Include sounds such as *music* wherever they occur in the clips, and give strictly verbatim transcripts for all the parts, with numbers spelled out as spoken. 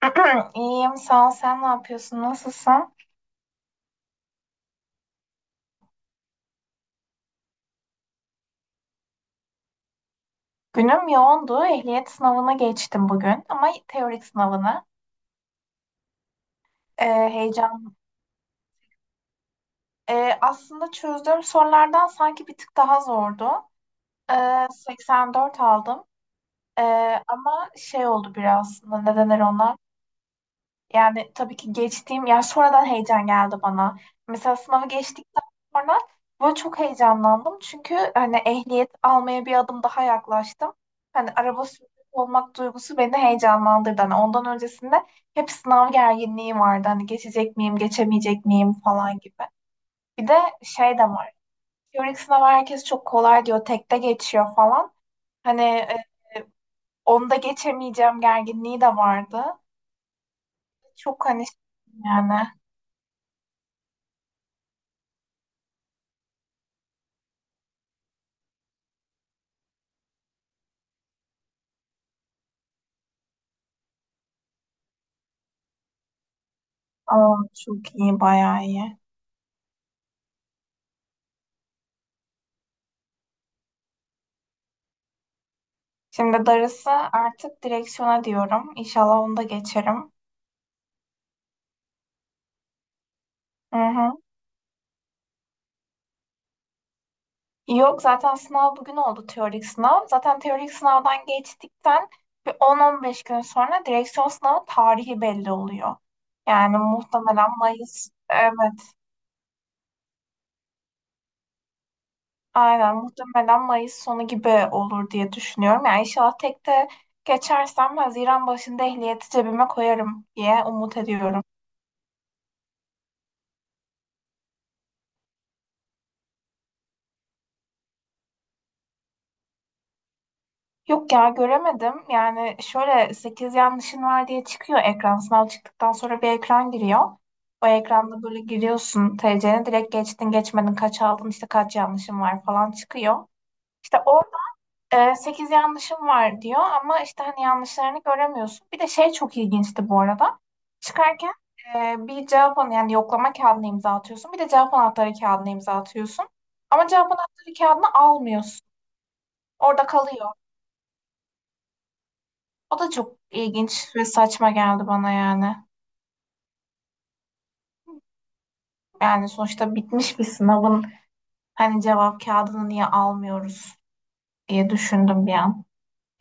*clears throat* İyiyim, sağ ol. Sen ne yapıyorsun? Nasılsın? Günüm yoğundu. Ehliyet sınavına geçtim bugün ama teorik sınavını. Ee, heyecan. Ee, aslında çözdüğüm sorulardan sanki bir tık daha zordu. Ee, seksen dört aldım. Ee, ama şey oldu biraz aslında. Ne denir ona? Yani tabii ki geçtiğim, ya sonradan heyecan geldi bana. Mesela sınavı geçtikten sonra böyle çok heyecanlandım. Çünkü hani ehliyet almaya bir adım daha yaklaştım. Hani araba sürücüsü olmak duygusu beni heyecanlandırdı. Hani ondan öncesinde hep sınav gerginliği vardı. Hani geçecek miyim, geçemeyecek miyim falan gibi. Bir de şey de var. Teorik sınav herkes çok kolay diyor, tekte geçiyor falan. Hani e, onu da geçemeyeceğim gerginliği de vardı. Çok hani şey yani. Aa, çok iyi, bayağı iyi. Şimdi darısı artık direksiyona diyorum. İnşallah onu da geçerim. Hı hı. Yok, zaten sınav bugün oldu, teorik sınav. Zaten teorik sınavdan geçtikten bir on on beş gün sonra direksiyon sınavı tarihi belli oluyor. Yani muhtemelen Mayıs, evet, aynen, muhtemelen Mayıs sonu gibi olur diye düşünüyorum. Yani inşallah tek de geçersem Haziran başında ehliyeti cebime koyarım diye umut ediyorum. Yok ya, göremedim. Yani şöyle, sekiz yanlışın var diye çıkıyor ekran. Sınav çıktıktan sonra bir ekran giriyor. O ekranda böyle giriyorsun, T C'ne direkt, geçtin geçmedin, kaç aldın, işte kaç yanlışın var falan çıkıyor. İşte orada e, sekiz yanlışım var diyor ama işte hani yanlışlarını göremiyorsun. Bir de şey çok ilginçti bu arada. Çıkarken e, bir cevap anı, yani yoklama kağıdına imza atıyorsun. Bir de cevap anahtarı kağıdına imza atıyorsun. Ama cevap anahtarı kağıdını almıyorsun. Orada kalıyor. O da çok ilginç ve saçma geldi bana yani. Yani sonuçta bitmiş bir sınavın hani cevap kağıdını niye almıyoruz diye düşündüm bir an.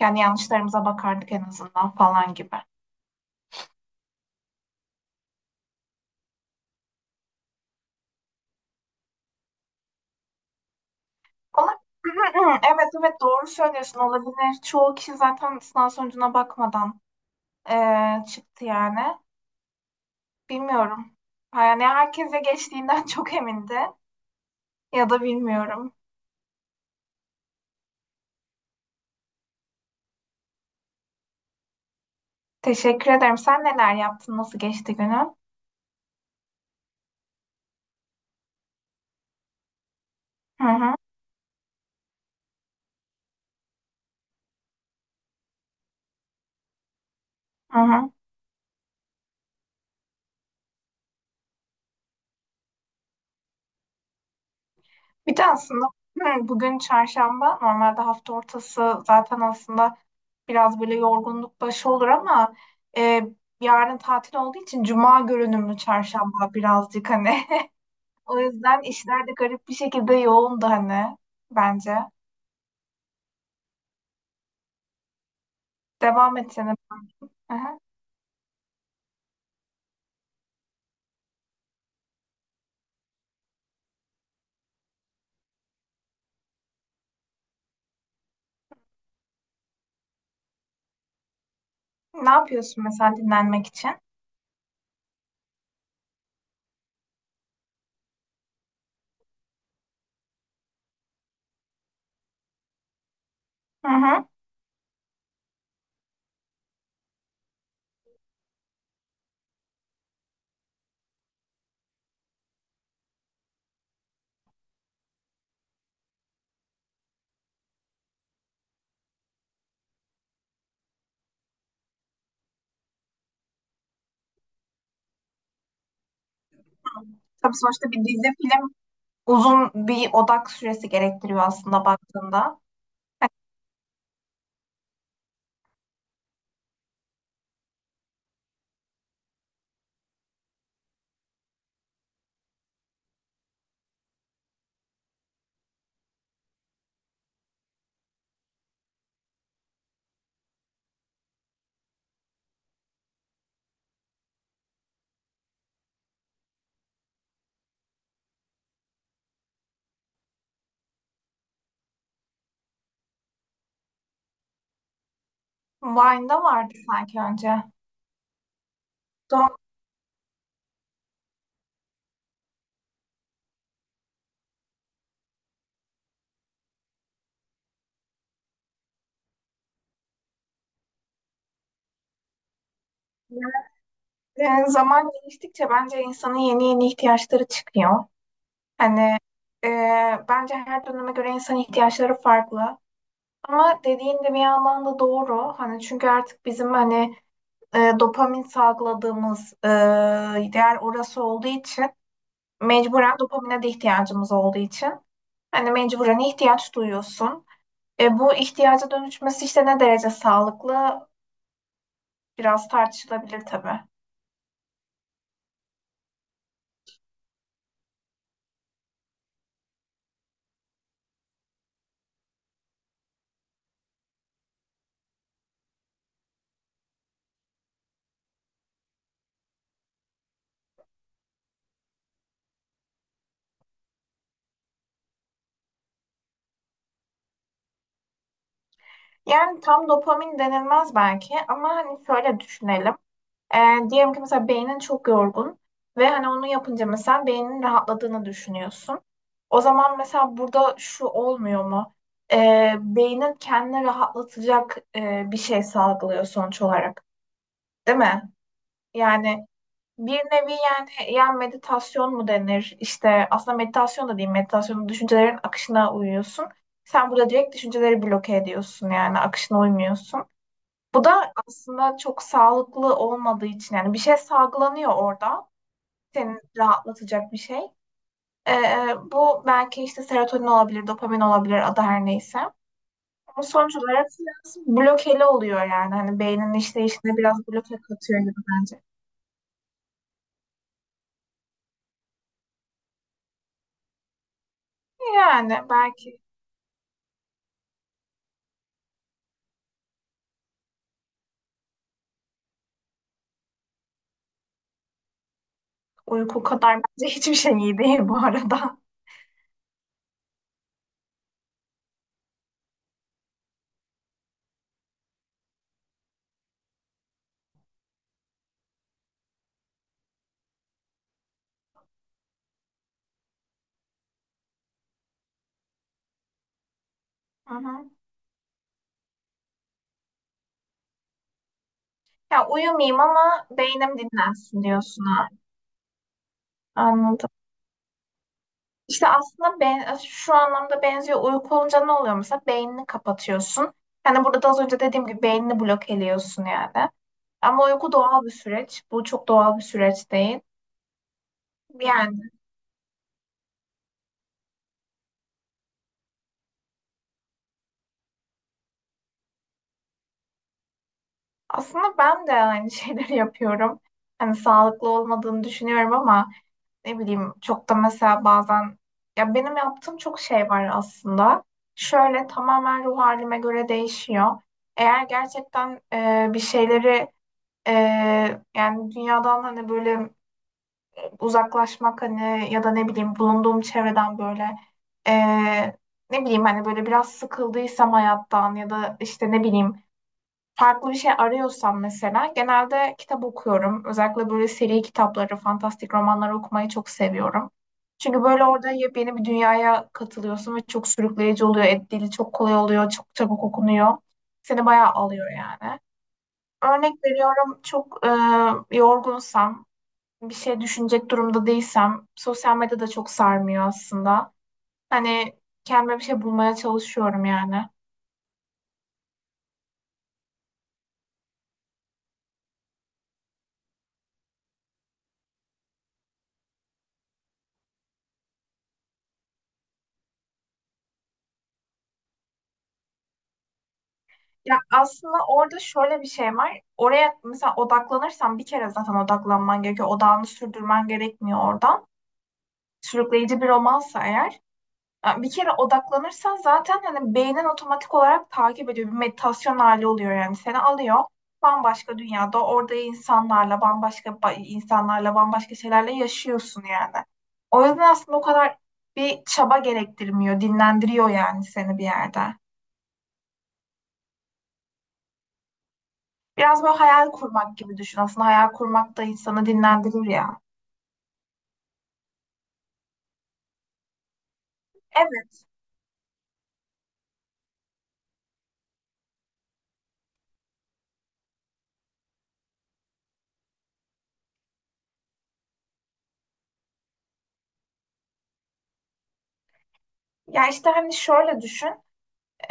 Yani yanlışlarımıza bakardık en azından falan gibi. Ona- *clears throat* Evet evet, doğru söylüyorsun, olabilir. Çoğu kişi zaten sınav sonucuna bakmadan eee, çıktı yani. Bilmiyorum. Yani herkese geçtiğinden *laughs* çok emindi ya da bilmiyorum. Teşekkür ederim. Sen neler yaptın? Nasıl geçti günün? Hı hı. Hı hı. Bir de aslında hı, bugün çarşamba. Normalde hafta ortası zaten aslında biraz böyle yorgunluk başı olur ama e, yarın tatil olduğu için cuma görünümlü çarşamba birazcık hani. *laughs* O yüzden işler de garip bir şekilde yoğundu hani bence. Devam et canım. Hı hı. Ne yapıyorsun mesela dinlenmek için? Hı hı. Tabii sonuçta bir dizi film uzun bir odak süresi gerektiriyor aslında baktığında. Vine'da vardı sanki önce. Doğru. Yani zaman geçtikçe bence insanın yeni yeni ihtiyaçları çıkıyor. Hani e, bence her döneme göre insan ihtiyaçları farklı. Ama dediğin de bir yandan da doğru. Hani çünkü artık bizim hani e, dopamin salgıladığımız e, değer orası olduğu için, mecburen dopamine de ihtiyacımız olduğu için hani mecburen ihtiyaç duyuyorsun. E, bu ihtiyaca dönüşmesi işte ne derece sağlıklı, biraz tartışılabilir tabii. Yani tam dopamin denilmez belki ama hani şöyle düşünelim. Ee, diyelim ki mesela beynin çok yorgun ve hani onu yapınca mesela beynin rahatladığını düşünüyorsun. O zaman mesela burada şu olmuyor mu? Ee, beynin kendini rahatlatacak e, bir şey salgılıyor sonuç olarak, değil mi? Yani bir nevi, yani yani meditasyon mu denir? İşte aslında meditasyon da değil, meditasyon düşüncelerin akışına uyuyorsun. Sen burada direkt düşünceleri bloke ediyorsun, yani akışına uymuyorsun. Bu da aslında çok sağlıklı olmadığı için yani bir şey salgılanıyor orada. Seni rahatlatacak bir şey. Ee, bu belki işte serotonin olabilir, dopamin olabilir, adı her neyse. Ama sonuç olarak biraz blokeli oluyor yani. Hani beynin işleyişine biraz bloke katıyor gibi bence. Yani belki uyku kadar bence *laughs* hiçbir şey iyi değil bu arada. Hı hı. Ya uyumayayım ama beynim dinlensin diyorsun ha. Anladım. İşte aslında ben, şu anlamda benziyor. Uyku olunca ne oluyor mesela? Beynini kapatıyorsun. Hani burada da az önce dediğim gibi beynini blok ediyorsun yani. Ama uyku doğal bir süreç. Bu çok doğal bir süreç değil. Yani aslında ben de aynı şeyleri *laughs* yapıyorum. Hani sağlıklı olmadığını düşünüyorum ama ne bileyim, çok da mesela bazen, ya benim yaptığım çok şey var aslında. Şöyle tamamen ruh halime göre değişiyor. Eğer gerçekten e, bir şeyleri, Eee, yani dünyadan hani böyle uzaklaşmak, hani ya da ne bileyim bulunduğum çevreden böyle eee, ne bileyim hani, böyle biraz sıkıldıysam hayattan ya da işte ne bileyim farklı bir şey arıyorsam, mesela genelde kitap okuyorum. Özellikle böyle seri kitapları, fantastik romanları okumayı çok seviyorum. Çünkü böyle orada yepyeni bir dünyaya katılıyorsun ve çok sürükleyici oluyor. Et dili çok kolay oluyor, çok çabuk okunuyor. Seni bayağı alıyor yani. Örnek veriyorum, çok e, yorgunsam, bir şey düşünecek durumda değilsem sosyal medya da çok sarmıyor aslında. Hani kendime bir şey bulmaya çalışıyorum yani. Ya aslında orada şöyle bir şey var. Oraya mesela odaklanırsan, bir kere zaten odaklanman gerekiyor. Odağını sürdürmen gerekmiyor oradan. Sürükleyici bir romansa eğer. Yani bir kere odaklanırsan zaten hani beynin otomatik olarak takip ediyor. Bir meditasyon hali oluyor yani, seni alıyor. Bambaşka dünyada orada insanlarla bambaşka ba- insanlarla bambaşka şeylerle yaşıyorsun yani. O yüzden aslında o kadar bir çaba gerektirmiyor. Dinlendiriyor yani seni bir yerde. Biraz böyle hayal kurmak gibi düşün. Aslında hayal kurmak da insanı dinlendirir ya. Evet. Ya işte hani şöyle düşün.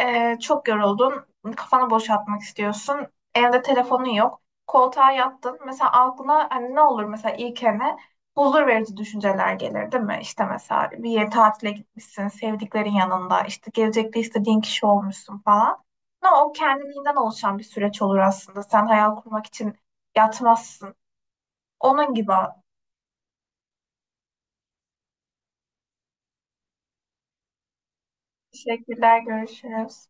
Ee, çok yoruldun, kafanı boşaltmak istiyorsun, evde telefonun yok, koltuğa yattın. Mesela aklına hani ne olur, mesela ilkene hani huzur verici düşünceler gelir değil mi? İşte mesela bir yere tatile gitmişsin, sevdiklerin yanında, işte gelecekte istediğin kişi olmuşsun falan. Ama o kendiliğinden oluşan bir süreç olur aslında. Sen hayal kurmak için yatmazsın. Onun gibi. Teşekkürler, görüşürüz.